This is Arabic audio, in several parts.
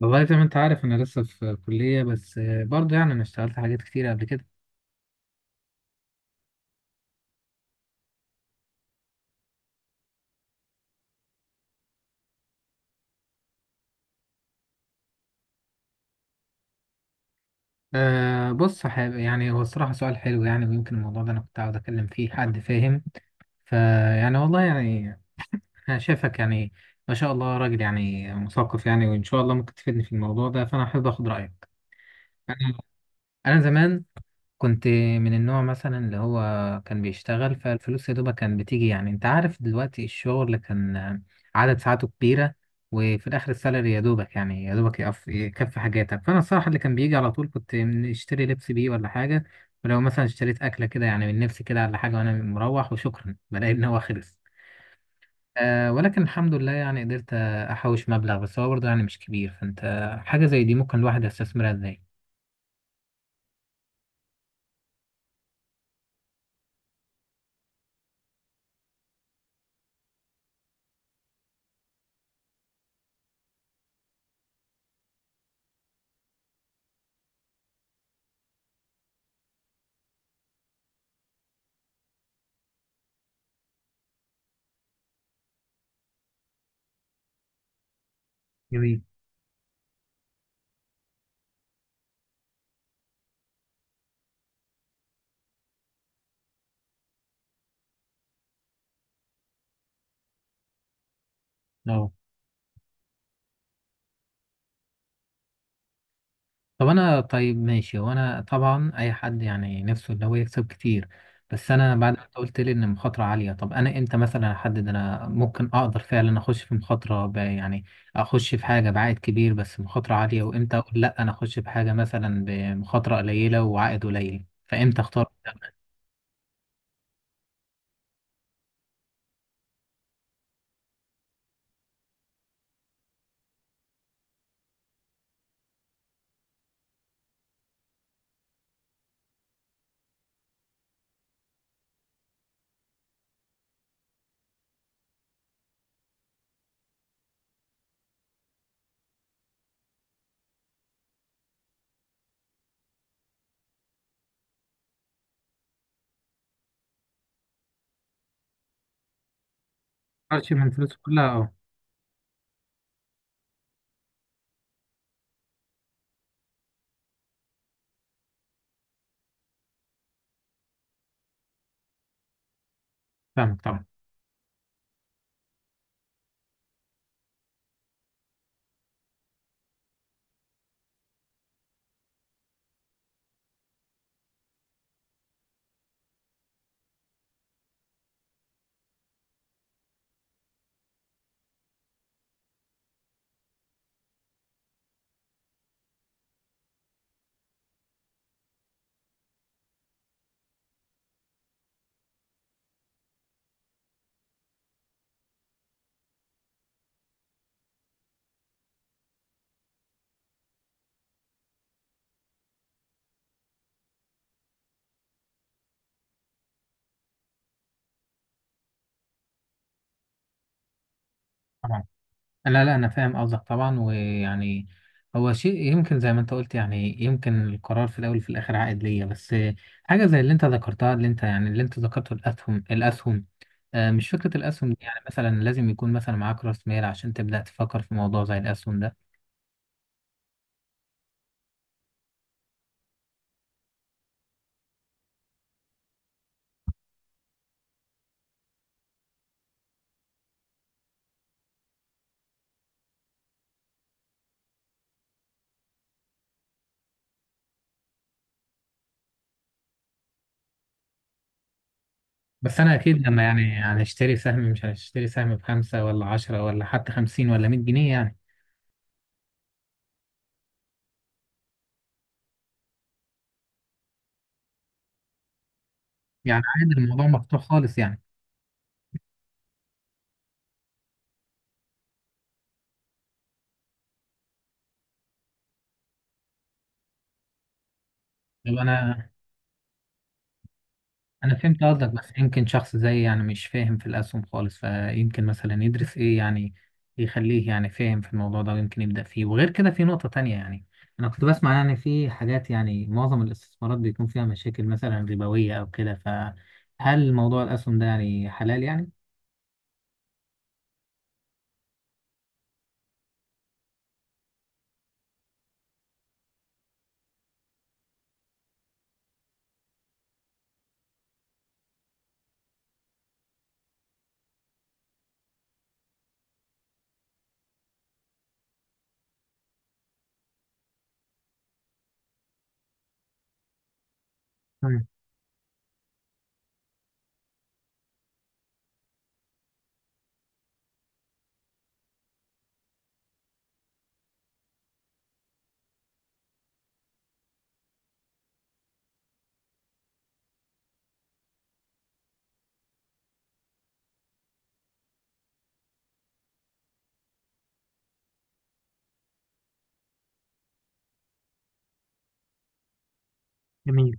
والله زي ما انت عارف انا لسه في كلية بس برضه يعني انا اشتغلت حاجات كتير قبل كده. بص حابب يعني هو الصراحة سؤال حلو يعني ويمكن الموضوع ده انا كنت عاوز اتكلم فيه حد فاهم فيعني والله يعني انا شايفك يعني ما شاء الله راجل يعني مثقف يعني وان شاء الله ممكن تفيدني في الموضوع ده فانا حابب اخد رأيك. انا انا زمان كنت من النوع مثلا اللي هو كان بيشتغل فالفلوس يا دوبك كان بتيجي يعني انت عارف دلوقتي الشغل اللي كان عدد ساعاته كبيرة وفي الآخر السالري يا دوبك يقف يكفي حاجاتك فأنا الصراحة اللي كان بيجي على طول كنت اشتري لبس بيه ولا حاجة ولو مثلا اشتريت أكلة كده يعني من نفسي كده ولا حاجة وأنا مروح وشكرا بلاقي إن هو خلص. ولكن الحمد لله يعني قدرت أحوش مبلغ بس هو برضه يعني مش كبير فأنت حاجة زي دي ممكن الواحد يستثمرها إزاي؟ جميل، اه. طب انا طيب ماشي، وانا طبعا اي حد يعني نفسه ان هو يكسب كتير، بس انا بعد ما انت قلت لي ان مخاطره عاليه. طب انا امتى مثلا احدد انا ممكن اقدر فعلا اخش في مخاطره يعني اخش في حاجه بعائد كبير بس مخاطره عاليه، وامتى اقول لا انا اخش في حاجه مثلا بمخاطره قليله وعائد قليل، فامتى اختار ما اختارش من فلوس كلها؟ اه، فاهمك طبعا. طبعا، لا لا انا فاهم قصدك طبعا. ويعني هو شيء يمكن زي ما انت قلت، يعني يمكن القرار في الاول وفي الاخر عائد ليا، بس حاجه زي اللي انت ذكرتها، اللي انت يعني اللي انت ذكرته، الاسهم الاسهم، مش فكره الاسهم دي يعني مثلا لازم يكون مثلا معاك راس مال عشان تبدا تفكر في موضوع زي الاسهم ده؟ بس انا اكيد لما يعني هنشتري سهم، مش هنشتري سهم بخمسه ولا عشرة ولا حتى خمسين ولا مية جنيه يعني. يعني عادي الموضوع مفتوح خالص يعني؟ لو انا فهمت قصدك، بس يمكن شخص زي يعني مش فاهم في الاسهم خالص، فيمكن مثلا يدرس ايه يعني يخليه يعني فاهم في الموضوع ده ويمكن يبدأ فيه. وغير كده في نقطة تانية يعني، انا كنت بسمع يعني في حاجات، يعني معظم الاستثمارات بيكون فيها مشاكل مثلا ربوية او كده، فهل موضوع الاسهم ده يعني حلال يعني؟ تمام. جميل.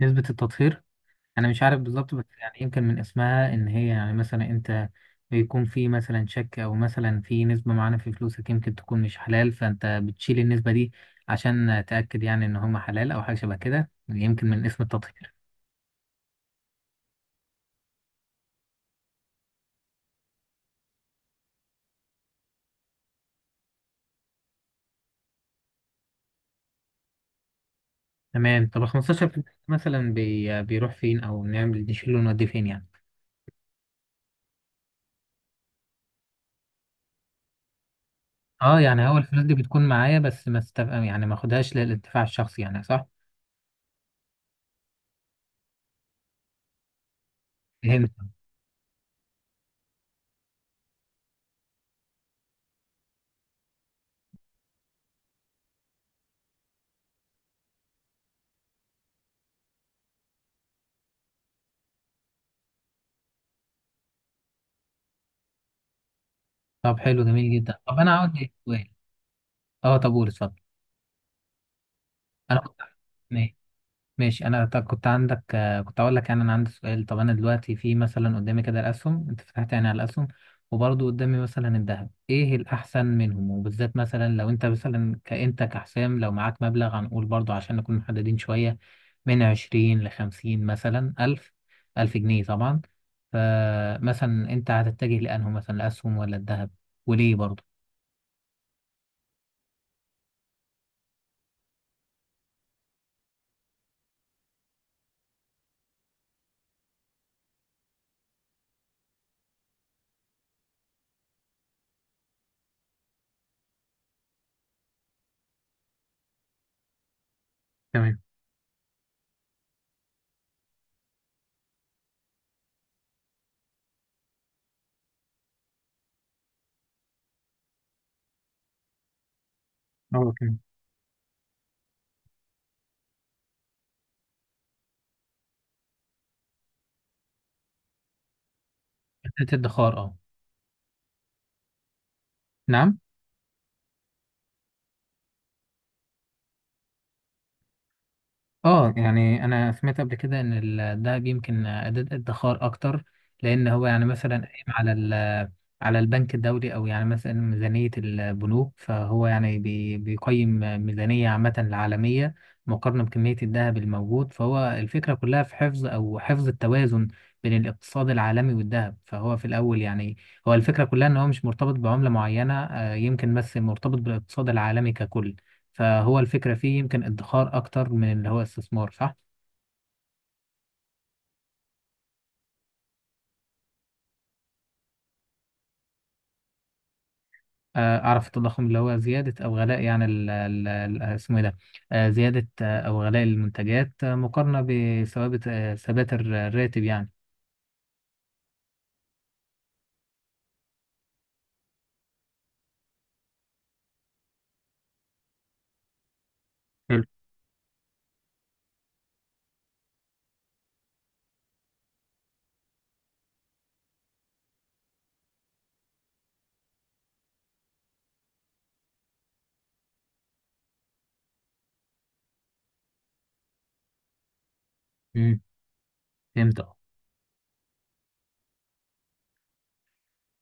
نسبة التطهير، انا مش عارف بالظبط، بس يعني يمكن من اسمها ان هي يعني مثلا انت بيكون في مثلا شك او مثلا في نسبة معينة في فلوسك يمكن تكون مش حلال، فانت بتشيل النسبة دي عشان تأكد يعني ان هم حلال، او حاجة شبه كده يمكن من اسم التطهير. تمام. طب ال 15% مثلا بي بيروح فين، او نعمل نشيله ونوديه فين يعني؟ اه، يعني هو الفلوس دي بتكون معايا، بس ما استف... يعني ما اخدهاش للانتفاع الشخصي يعني، صح؟ فهمت. طب حلو جميل جدا. طب انا عاوز إيه؟ سؤال. اه طب قول، اتفضل. انا كنت، ماشي. انا طب كنت عندك كنت اقول لك يعني انا عندي سؤال. طب انا دلوقتي في مثلا قدامي كده الاسهم، انت فتحت يعني على الاسهم، وبرضه قدامي مثلا الذهب، ايه الاحسن منهم؟ وبالذات مثلا لو انت مثلا كانت كحسام، لو معاك مبلغ هنقول برضه عشان نكون محددين شوية، من عشرين لخمسين مثلا الف، الف جنيه طبعا، فمثلا انت هتتجه لانه مثلا الاسهم ولا الذهب؟ وليه برضه؟ تمام. اه تمام. حتة الادخار، اه. نعم. اه يعني انا سمعت قبل كده ان الدهب يمكن اداة ادخار اكتر، لان هو يعني مثلا قايم على البنك الدولي، او يعني مثلا ميزانية البنوك، فهو يعني بيقيم ميزانية عامة العالمية مقارنة بكمية الذهب الموجود، فهو الفكرة كلها في حفظ، او حفظ التوازن بين الاقتصاد العالمي والذهب. فهو في الاول يعني هو الفكرة كلها ان هو مش مرتبط بعملة معينة، يمكن بس مرتبط بالاقتصاد العالمي ككل. فهو الفكرة فيه يمكن ادخار أكتر من اللي هو استثمار، صح؟ أعرف التضخم، اللي هو زيادة أو غلاء يعني اسمه إيه ده، زيادة أو غلاء المنتجات مقارنة بثوابت، ثبات الراتب يعني. حلو. امم. فهمت، اه.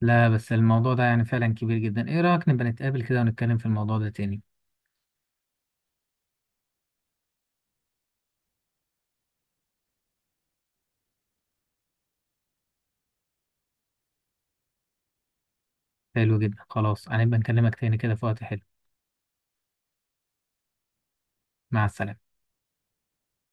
لا، بس الموضوع ده يعني فعلا كبير جدا، ايه رأيك نبقى نتقابل كده ونتكلم في الموضوع ده تاني؟ حلو جدا، خلاص. هنبقى نكلمك تاني كده في وقت حلو. مع السلامة.